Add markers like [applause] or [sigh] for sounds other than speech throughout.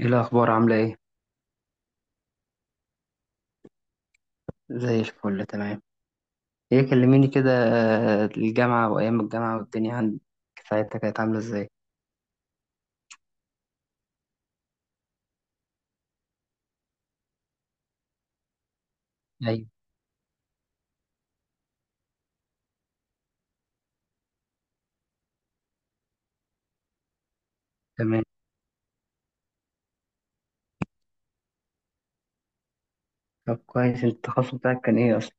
ايه الاخبار؟ عامله ايه؟ زي الفل، تمام. ايه، كلميني كده. الجامعه وايام الجامعه والدنيا عندك ساعتها كانت عامله ازاي؟ ايوه، تمام. طب كويس، انت التخصص بتاعك كان ايه اصلا؟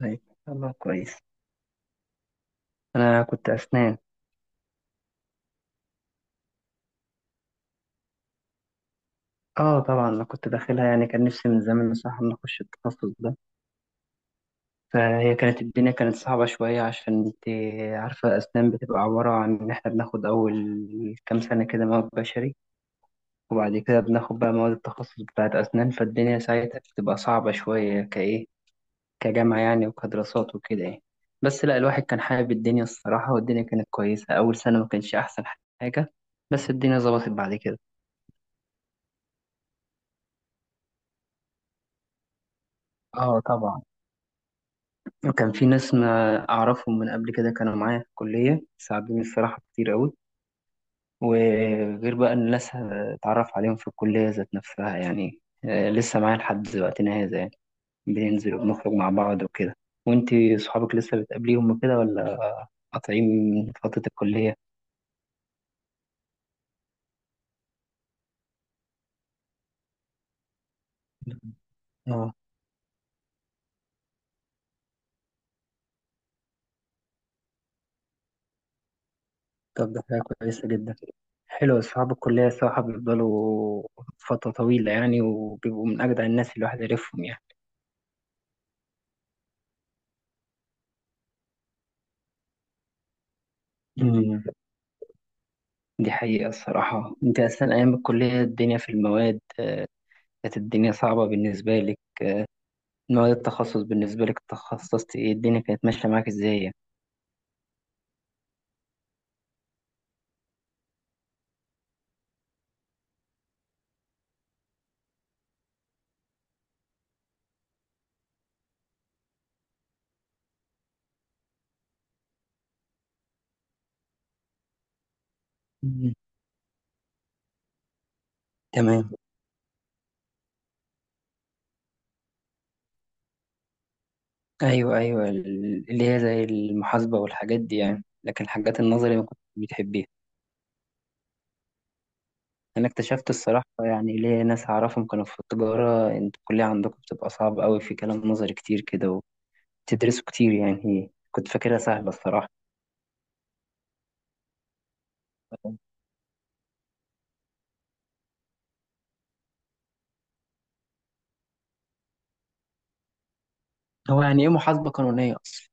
طيب. الله، كويس. انا كنت اسنان. اه طبعا، انا كنت داخلها يعني، كان نفسي من زمان بصراحه ان اخش التخصص ده. فهي كانت، الدنيا كانت صعبه شويه، عشان انت عارفه الاسنان بتبقى عباره عن ان احنا بناخد اول كام سنه كده مواد بشري، وبعد كده بناخد بقى مواد التخصص بتاعت أسنان. فالدنيا ساعتها بتبقى صعبة شوية، كإيه، كجامعة يعني، وكدراسات وكده يعني. بس لا، الواحد كان حابب الدنيا الصراحة، والدنيا كانت كويسة. أول سنة ما كانش أحسن حاجة، بس الدنيا ظبطت بعد كده. اه طبعا. وكان في ناس ما أعرفهم من قبل كده كانوا معايا في الكلية، ساعدوني الصراحة كتير أوي. وغير بقى إن ناس اتعرف عليهم في الكلية ذات نفسها يعني، لسه معايا لحد وقتنا هذا يعني. بننزل وبنخرج مع بعض وكده. وانتي صحابك لسه بتقابليهم وكده، ولا قاطعين فترة الكلية؟ اه. طب ده حاجة كويسة جدا. حلو، أصحاب الكلية الصراحة بيفضلوا فترة طويلة يعني، وبيبقوا من أجدع الناس اللي الواحد يعرفهم يعني. أمم. دي حقيقة الصراحة. أنت أصلا أيام الكلية الدنيا في المواد كانت الدنيا صعبة بالنسبة لك؟ مواد التخصص بالنسبة لك تخصصت إيه؟ الدنيا كانت ماشية معاك إزاي يعني؟ أمم. تمام. ايوه ايوه، اللي هي زي المحاسبه والحاجات دي يعني، لكن الحاجات النظري ما كنتش بتحبيها. انا اكتشفت الصراحه، يعني ليه ناس اعرفهم كانوا في التجاره، انتوا الكليه عندكم بتبقى صعبه قوي، في كلام نظري كتير كده وتدرسوا كتير، يعني كنت فاكرها سهله الصراحه. هو يعني ايه محاسبه قانونيه اصلا؟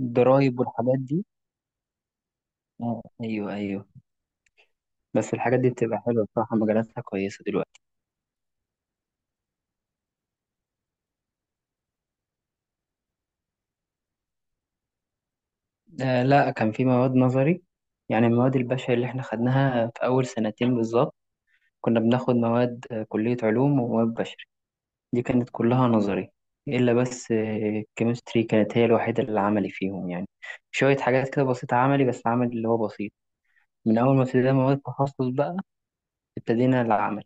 الضرايب والحاجات دي؟ ايوه ايوه. بس الحاجات دي بتبقى حلوه بصراحه، مجالاتها كويسه دلوقتي. آه لا، كان في مواد نظري. يعني المواد البشري اللي احنا خدناها في اول سنتين بالظبط، كنا بناخد مواد كلية علوم ومواد بشري. دي كانت كلها نظري، إلا بس الكيمستري كانت هي الوحيدة اللي عملي فيهم يعني. شوية حاجات كده بسيطة عملي، بس عمل اللي هو بسيط. من أول ما ابتدينا مواد تخصص بقى، ابتدينا العمل.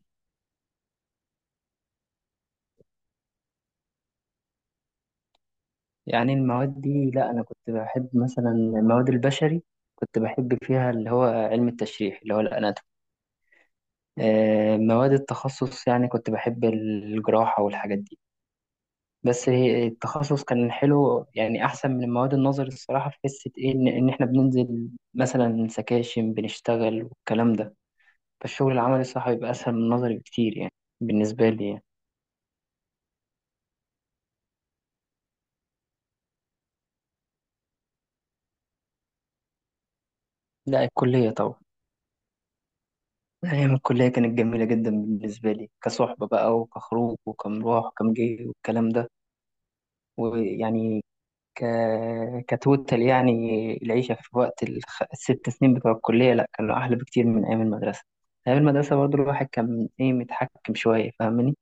يعني المواد دي لأ، أنا كنت بحب مثلا المواد البشري، كنت بحب فيها اللي هو علم التشريح اللي هو الأناتومي. مواد التخصص يعني كنت بحب الجراحة والحاجات دي. بس التخصص كان حلو يعني، احسن من المواد النظري الصراحه، في حته ايه، إن احنا بننزل مثلا سكاشن بنشتغل والكلام ده. فالشغل العملي الصراحه بيبقى اسهل من النظري بكتير يعني، بالنسبه لي يعني. لا الكليه طبعا. ايام الكليه كانت جميله جدا بالنسبه لي، كصحبه بقى وكخروج وكمروح وكمجي والكلام ده، ويعني، ك... كتوتال يعني. العيشة في وقت ال6 سنين بتوع الكلية، لا كانوا أحلى بكتير من أيام المدرسة. أيام المدرسة برضو الواحد كان إيه، متحكم شوية، فاهمني؟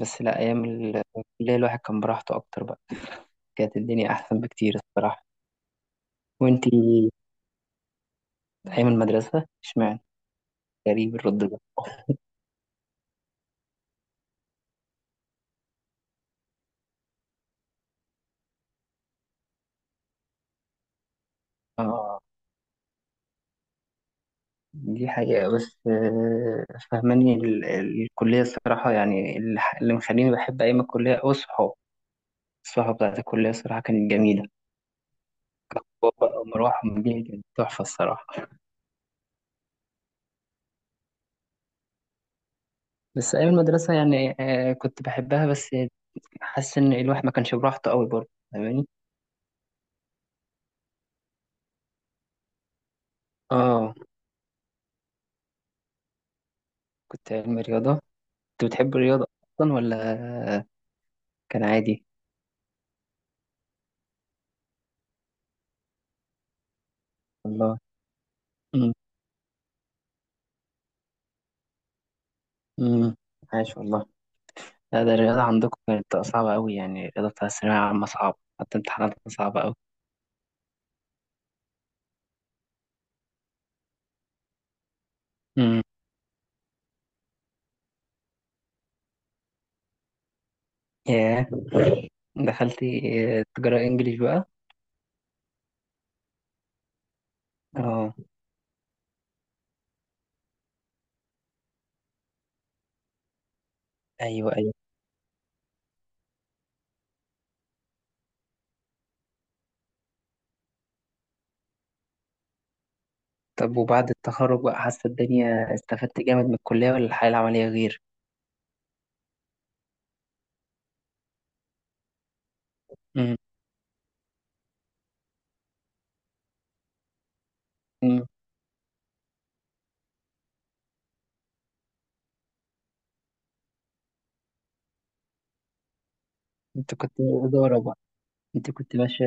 بس لا، أيام الكلية الواحد كان براحته أكتر بقى. كانت الدنيا أحسن بكتير الصراحة. وإنتي أيام المدرسة اشمعنى؟ غريب الرد ده. آه، دي حقيقة. بس فاهماني، الكلية الصراحة يعني اللي مخليني بحب أيام الكلية هو الصحاب. الصحاب بتاعت الكلية الصراحة كانت جميلة. هو بقى مروح ومجيه كانت تحفة الصراحة. بس أيام المدرسة يعني، كنت بحبها، بس حاسس إن الواحد ما كانش براحته قوي برضه، فاهماني؟ آه. كنت علم رياضة. كنت بتحب الرياضة أصلا ولا كان عادي؟ والله. أمم، أمم، عاش والله. لا، ده الرياضة عندكم كانت صعبة قوي يعني، الرياضة بتاع الثانوية العامة صعبة، حتى امتحاناتها صعبة قوي. أمم، ياه. دخلتي تجارة إنجليش بقى؟ آه. أيوه أيوه. طب وبعد التخرج بقى، حاسة الدنيا استفدت جامد من الكلية ولا الحياة العملية غير؟ مم. مم. انت كنت إدارة بقى؟ انت كنت ماشية،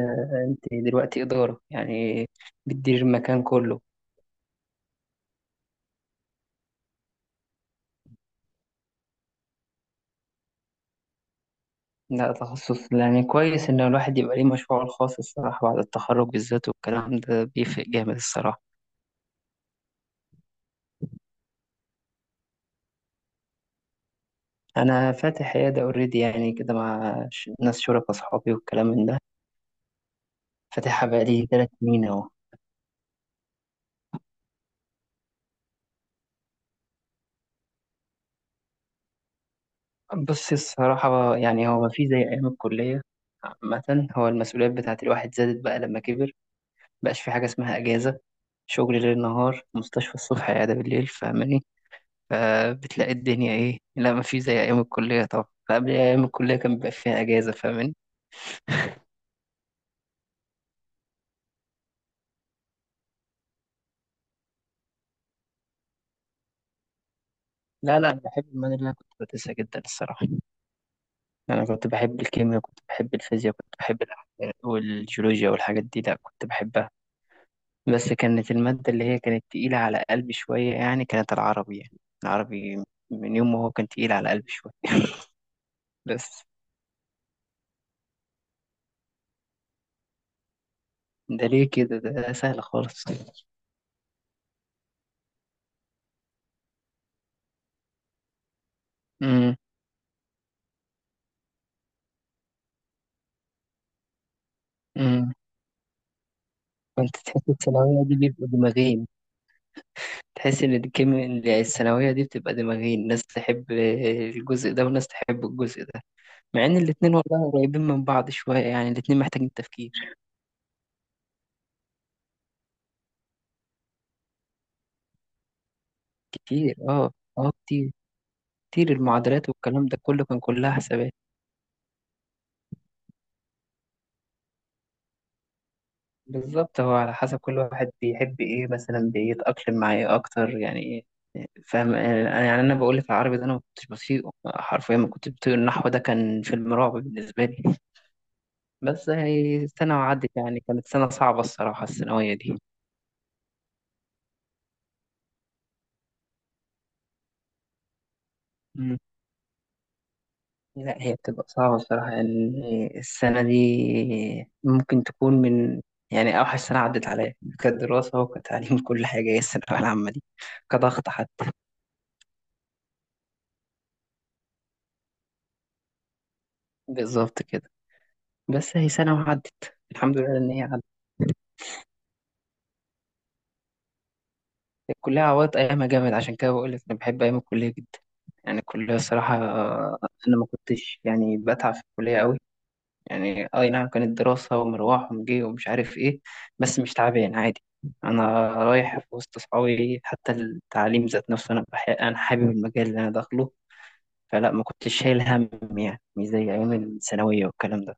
انت دلوقتي إدارة يعني، بتدير المكان كله. لا تخصص، يعني كويس ان الواحد يبقى ليه مشروعه الخاص الصراحة بعد التخرج بالذات، والكلام ده بيفرق جامد الصراحة. انا فاتح عيادة اوريدي يعني كده، مع ناس شركاء اصحابي والكلام من ده. فاتحها بقالي 3 سنين اهو. بص الصراحة يعني، هو ما في زي أيام الكلية. عامة، هو المسؤوليات بتاعت الواحد زادت بقى لما كبر. مبقاش في حاجة اسمها أجازة. شغل ليل نهار، مستشفى الصبح، عيادة بالليل، فاهماني؟ فبتلاقي الدنيا إيه، لا ما في زي أيام الكلية طبعا. فقبل أيام الكلية كان بيبقى فيها أجازة، فاهماني؟ لا لا، بحب المادة اللي أنا كنت بدرسها جدا الصراحة. أنا كنت بحب الكيمياء، كنت بحب الفيزياء، كنت بحب الأحياء والجيولوجيا والحاجات دي، لا كنت بحبها. بس كانت المادة اللي هي كانت تقيلة على قلبي شوية يعني، كانت العربي. يعني العربي من يوم ما هو كان تقيل على قلبي شوية. [laughs] بس ده ليه كده؟ ده سهل خالص. امم، امم. كنت تحس الثانوية دي بيبقوا دماغين. تحس إن الكيمياء الثانوية دي بتبقى دماغين، ناس تحب الجزء ده وناس تحب الجزء ده. مع إن الاتنين والله قريبين من بعض شوية يعني، الاتنين محتاجين تفكير. كتير، اه. اه، كتير. كتير، المعادلات والكلام ده كله كان كلها حسابات. بالظبط، هو على حسب كل واحد بيحب ايه، مثلا بيتأقلم مع ايه اكتر، يعني ايه فاهم انا؟ يعني انا بقول لك، العربي ده انا ما كنتش بطيقه حرفيا، ما كنت بطيق النحو، ده كان فيلم رعب بالنسبه لي. بس هي سنه وعدت، يعني كانت سنه صعبه الصراحه الثانويه دي. مم. لا هي بتبقى صعبه الصراحه يعني، السنه دي ممكن تكون من، يعني اوحش سنه عدت عليا كدراسه وكتعليم، كل حاجه هي الثانويه العامه دي، كضغط حتى. بالظبط كده. بس هي سنة وعدت، الحمد لله إن هي عدت. الكلية عوضت أيامها جامد، عشان كده بقول لك أنا بحب أيام الكلية جدا. يعني الكلية الصراحة، أنا ما كنتش يعني بتعب في الكلية أوي. يعني أي نعم، كانت دراسة ومروح ومجي ومش عارف إيه، بس مش تعبان عادي. أنا رايح في وسط صحابي، حتى التعليم ذات نفسه، أنا أنا حابب المجال اللي أنا داخله. فلا ما كنتش شايل هم، يعني مش زي أيام الثانوية والكلام ده.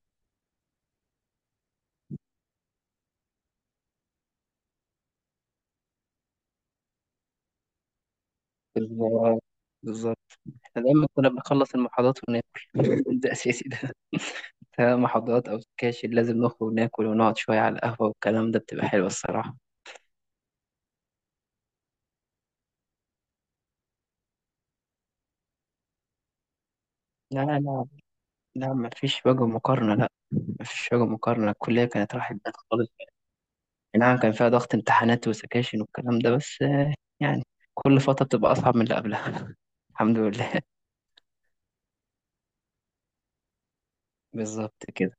بالظبط. بالظبط. إحنا دايما كنا بنخلص المحاضرات وناكل، [laughs] ده أساسي ده. [laughs] سواء محاضرات أو سكاشن، لازم نخرج ناكل ونقعد شوية على القهوة، والكلام ده بتبقى حلوة الصراحة. لا لا لا. لا مفيش وجه مقارنة. لا، مفيش وجه مقارنة. الكلية كانت راحت بال خالص. نعم كان فيها ضغط امتحانات وسكاشن والكلام ده، بس يعني كل فترة بتبقى أصعب من اللي قبلها. [laughs] الحمد لله. بالظبط كده.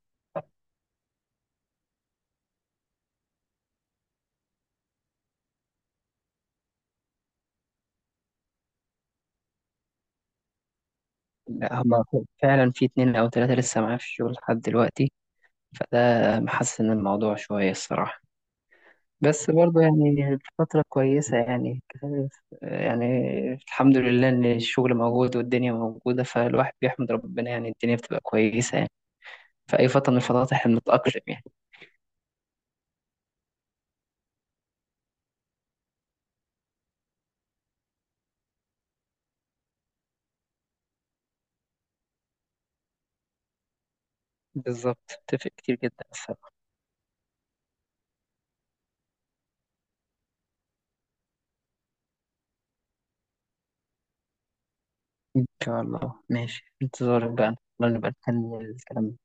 لا هما فعلا في 2 أو 3 لسه معايا في الشغل لحد دلوقتي، فده محسن الموضوع شوية الصراحة. بس برضه يعني الفترة كويسة يعني الحمد لله إن الشغل موجود والدنيا موجودة، فالواحد بيحمد ربنا يعني. الدنيا بتبقى كويسة يعني في أي فترة من الفترات، إحنا بنتأقلم يعني. بالظبط، اتفق كتير جدا الصراحة. إن شاء الله، ماشي، انتظارك بقى. الله، نبقى نكمل الكلام.